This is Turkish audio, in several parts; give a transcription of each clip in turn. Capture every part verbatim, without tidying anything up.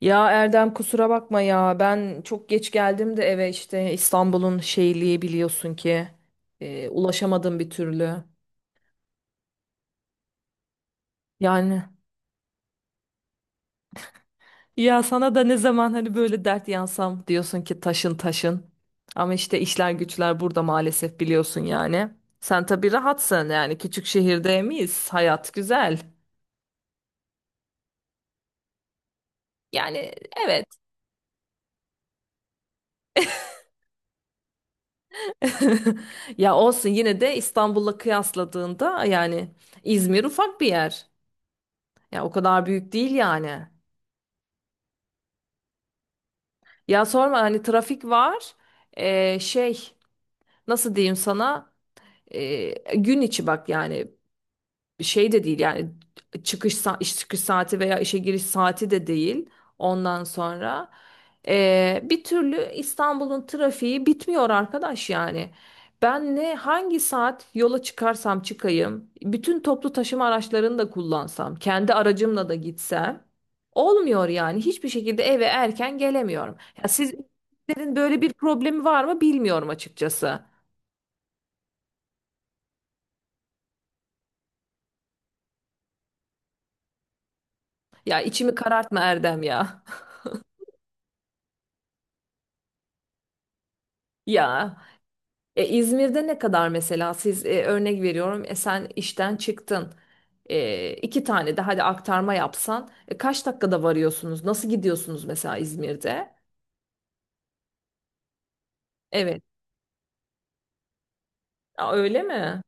Ya Erdem kusura bakma ya ben çok geç geldim de eve işte İstanbul'un şeyliği biliyorsun ki e, ulaşamadım bir türlü. Yani ya sana da ne zaman hani böyle dert yansam diyorsun ki taşın taşın ama işte işler güçler burada maalesef biliyorsun yani. Sen tabii rahatsın yani küçük şehirde miyiz hayat güzel. Yani evet. Ya olsun yine de İstanbul'la kıyasladığında yani İzmir ufak bir yer. Ya o kadar büyük değil yani. Ya sorma hani trafik var. Ee, şey, nasıl diyeyim sana? Ee, gün içi bak yani şey de değil yani çıkış sa- iş çıkış saati veya işe giriş saati de değil ondan sonra. Ee, bir türlü İstanbul'un trafiği bitmiyor arkadaş yani, ben ne hangi saat yola çıkarsam çıkayım, bütün toplu taşıma araçlarını da kullansam kendi aracımla da gitsem olmuyor yani, hiçbir şekilde eve erken gelemiyorum. Ya sizlerin böyle bir problemi var mı bilmiyorum açıkçası. Ya içimi karartma Erdem ya. Ya E, İzmir'de ne kadar mesela, siz e, örnek veriyorum, e, sen işten çıktın. E, iki tane de hadi aktarma yapsan e, kaç dakikada varıyorsunuz? Nasıl gidiyorsunuz mesela İzmir'de? Evet. Aa, öyle mi?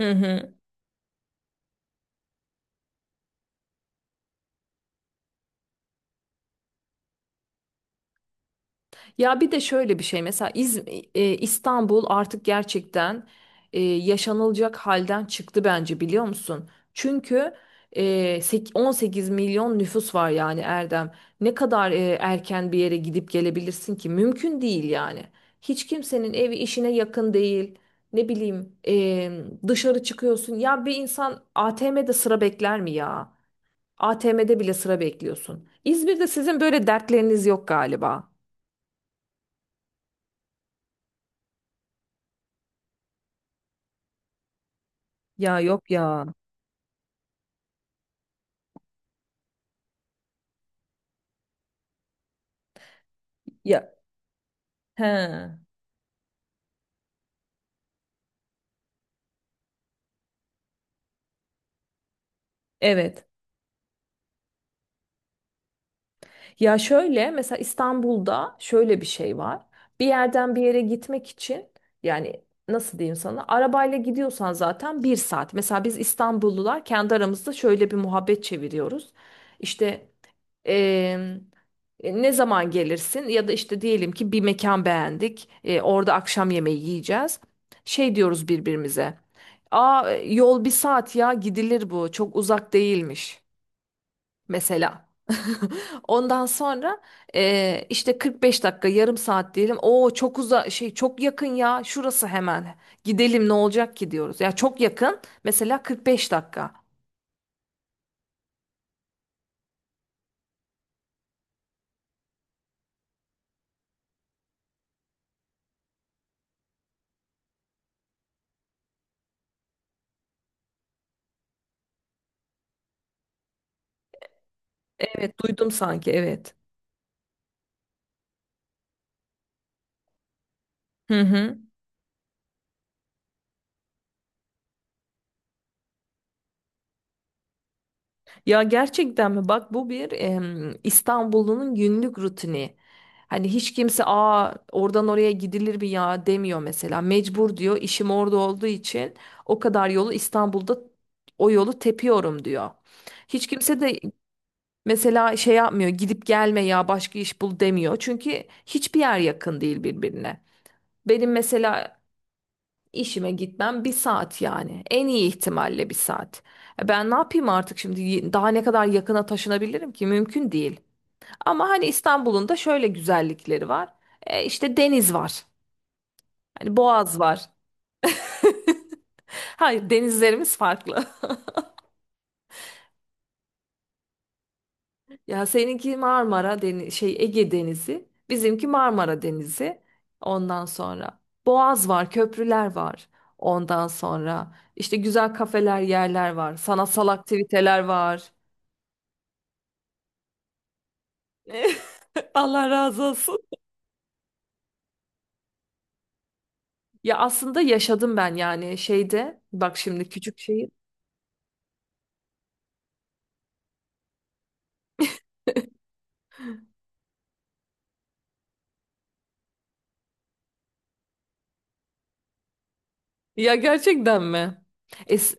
Hı hı. Ya bir de şöyle bir şey mesela İz- e, İstanbul artık gerçekten e, yaşanılacak halden çıktı bence, biliyor musun? Çünkü e, sek- on sekiz milyon nüfus var yani Erdem. Ne kadar e, erken bir yere gidip gelebilirsin ki? Mümkün değil yani. Hiç kimsenin evi işine yakın değil. Ne bileyim, e, dışarı çıkıyorsun. Ya bir insan A T M'de sıra bekler mi ya? A T M'de bile sıra bekliyorsun. İzmir'de sizin böyle dertleriniz yok galiba. Ya yok ya. Ya he, evet. Ya şöyle mesela İstanbul'da şöyle bir şey var. Bir yerden bir yere gitmek için yani, nasıl diyeyim sana, arabayla gidiyorsan zaten bir saat. Mesela biz İstanbullular kendi aramızda şöyle bir muhabbet çeviriyoruz. İşte em, e, ne zaman gelirsin ya da işte diyelim ki bir mekan beğendik, E, orada akşam yemeği yiyeceğiz. Şey diyoruz birbirimize. "Aa, yol bir saat, ya gidilir, bu çok uzak değilmiş" mesela. Ondan sonra eee, işte kırk beş dakika, yarım saat diyelim. "Oo çok uza şey, çok yakın ya, şurası hemen. Gidelim, ne olacak ki" diyoruz. Ya çok yakın mesela kırk beş dakika. Evet, duydum sanki, evet. Hı hı. Ya gerçekten mi? Bak, bu bir em, İstanbul'un günlük rutini. Hani hiç kimse "aa, oradan oraya gidilir mi ya" demiyor mesela. Mecbur diyor, işim orada olduğu için o kadar yolu İstanbul'da, o yolu tepiyorum diyor. Hiç kimse de mesela şey yapmıyor, gidip gelme ya, başka iş bul demiyor. Çünkü hiçbir yer yakın değil birbirine. Benim mesela İşime gitmem bir saat yani. En iyi ihtimalle bir saat. E Ben ne yapayım artık şimdi? Y- Daha ne kadar yakına taşınabilirim ki? Mümkün değil. Ama hani İstanbul'un da şöyle güzellikleri var. E işte deniz var. Hani Boğaz var. Hayır, denizlerimiz farklı. Ya seninki Marmara Deniz, şey, Ege Denizi, bizimki Marmara Denizi. Ondan sonra Boğaz var, köprüler var. Ondan sonra işte güzel kafeler, yerler var. Sanatsal aktiviteler var. Allah razı olsun. Ya aslında yaşadım ben yani şeyde. Bak şimdi küçük şehir. Ya gerçekten mi? Es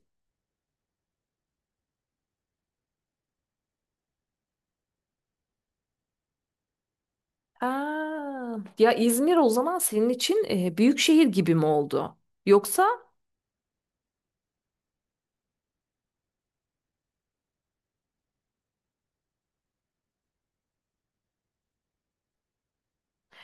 Aa, ya İzmir o zaman senin için e, büyük şehir gibi mi oldu? Yoksa...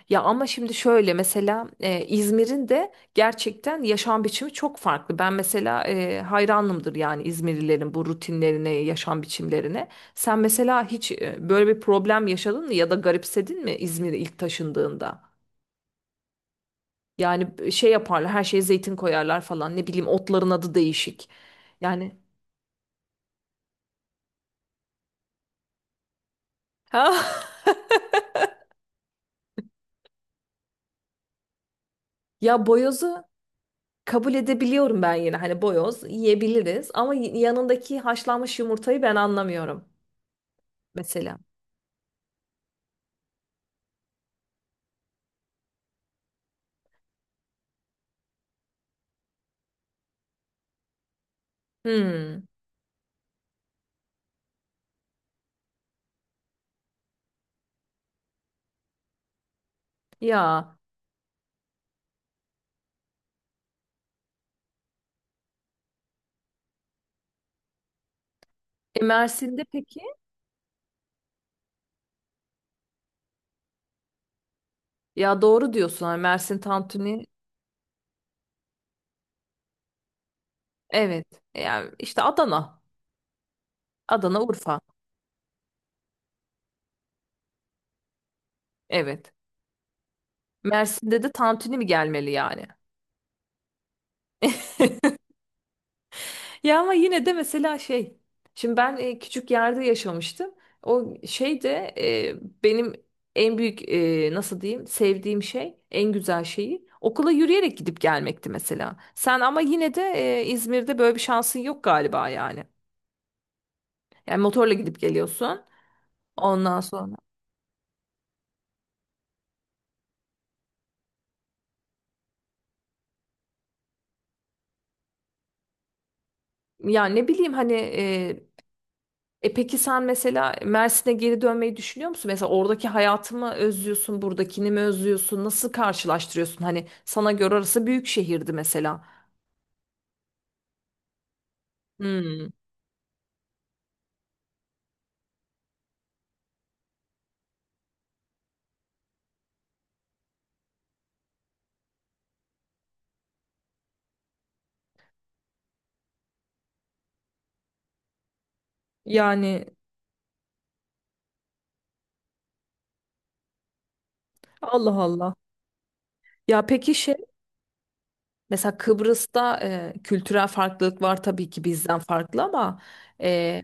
Ya ama şimdi şöyle mesela e, İzmir'in de gerçekten yaşam biçimi çok farklı. Ben mesela e, hayranımdır yani İzmirlilerin bu rutinlerine, yaşam biçimlerine. Sen mesela hiç e, böyle bir problem yaşadın mı ya da garipsedin mi İzmir'e ilk taşındığında? Yani e, şey yaparlar, her şeye zeytin koyarlar falan. Ne bileyim otların adı değişik. Yani ha ya boyozu kabul edebiliyorum ben yine. Hani boyoz yiyebiliriz ama y- yanındaki haşlanmış yumurtayı ben anlamıyorum mesela. Hmm. Ya e, Mersin'de peki? Ya doğru diyorsun. Ha, Mersin tantuni. Evet. Yani işte Adana. Adana, Urfa. Evet. Mersin'de de tantuni mi gelmeli yani? Ya ama yine de mesela şey. Şimdi ben e, küçük yerde yaşamıştım. O şey de e, benim en büyük e, nasıl diyeyim, sevdiğim şey, en güzel şeyi okula yürüyerek gidip gelmekti mesela. Sen ama yine de e, İzmir'de böyle bir şansın yok galiba yani. Yani motorla gidip geliyorsun. Ondan sonra. Ya ne bileyim hani e, e peki sen mesela Mersin'e geri dönmeyi düşünüyor musun? Mesela oradaki hayatı mı özlüyorsun, buradakini mi özlüyorsun? Nasıl karşılaştırıyorsun? Hani sana göre orası büyük şehirdi mesela. Hmm. Yani Allah Allah. Ya peki, şey, mesela Kıbrıs'ta e, kültürel farklılık var tabii ki, bizden farklı, ama e,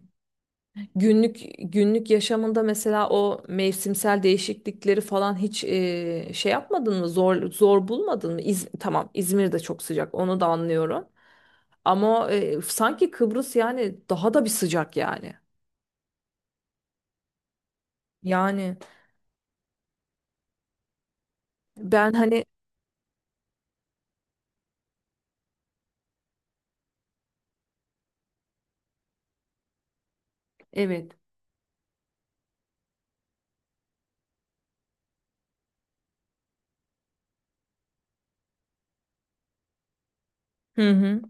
günlük günlük yaşamında mesela o mevsimsel değişiklikleri falan hiç e, şey yapmadın mı? Zor zor bulmadın mı? İz, tamam, İzmir de çok sıcak, onu da anlıyorum. Ama e, sanki Kıbrıs yani daha da bir sıcak yani. Yani ben hani, evet. Hı hı.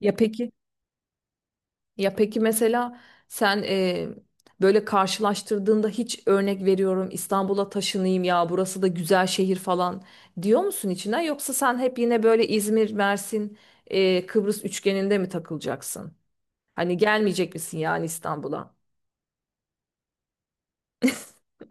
Ya peki. Ya peki, mesela sen e, böyle karşılaştırdığında hiç, örnek veriyorum, "İstanbul'a taşınayım ya, burası da güzel şehir" falan diyor musun içinden, yoksa sen hep yine böyle İzmir, Mersin, e, Kıbrıs üçgeninde mi takılacaksın? Hani gelmeyecek misin yani İstanbul'a?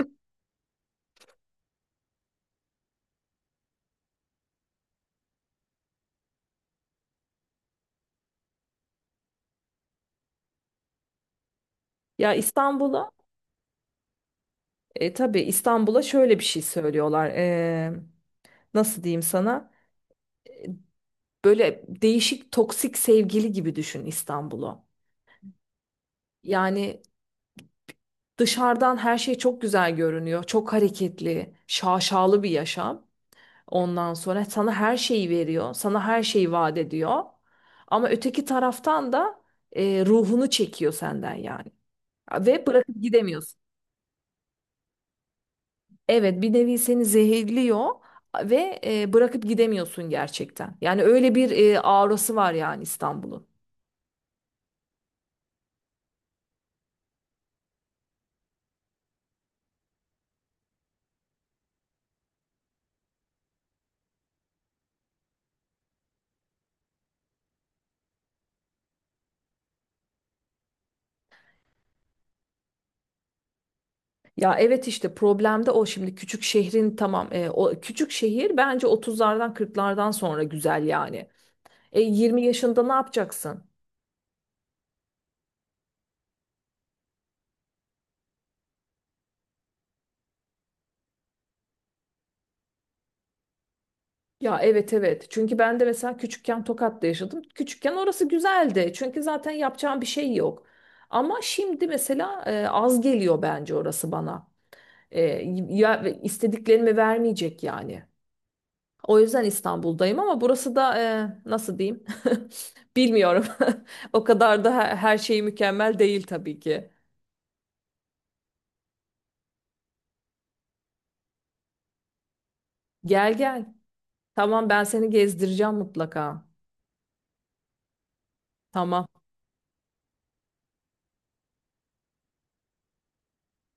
Ya İstanbul'a E, tabii, İstanbul'a şöyle bir şey söylüyorlar. E, nasıl diyeyim sana? Böyle değişik toksik sevgili gibi düşün İstanbul'u. Yani dışarıdan her şey çok güzel görünüyor. Çok hareketli, şaşalı bir yaşam. Ondan sonra sana her şeyi veriyor. Sana her şeyi vaat ediyor. Ama öteki taraftan da e, ruhunu çekiyor senden yani. Ve bırakıp gidemiyorsun. Evet, bir nevi seni zehirliyor ve e, bırakıp gidemiyorsun gerçekten. Yani öyle bir e, aurası var yani İstanbul'un. Ya evet, işte problem de o, şimdi küçük şehrin, tamam, e, o küçük şehir bence otuzlardan kırklardan sonra güzel yani. E, yirmi yaşında ne yapacaksın? Ya evet evet, çünkü ben de mesela küçükken Tokat'ta yaşadım. Küçükken orası güzeldi çünkü zaten yapacağım bir şey yok. Ama şimdi mesela e, az geliyor bence orası bana. E, Ya istediklerimi vermeyecek yani. O yüzden İstanbul'dayım ama burası da e, nasıl diyeyim? Bilmiyorum. O kadar da her, her şey mükemmel değil tabii ki. Gel gel. Tamam, ben seni gezdireceğim mutlaka. Tamam.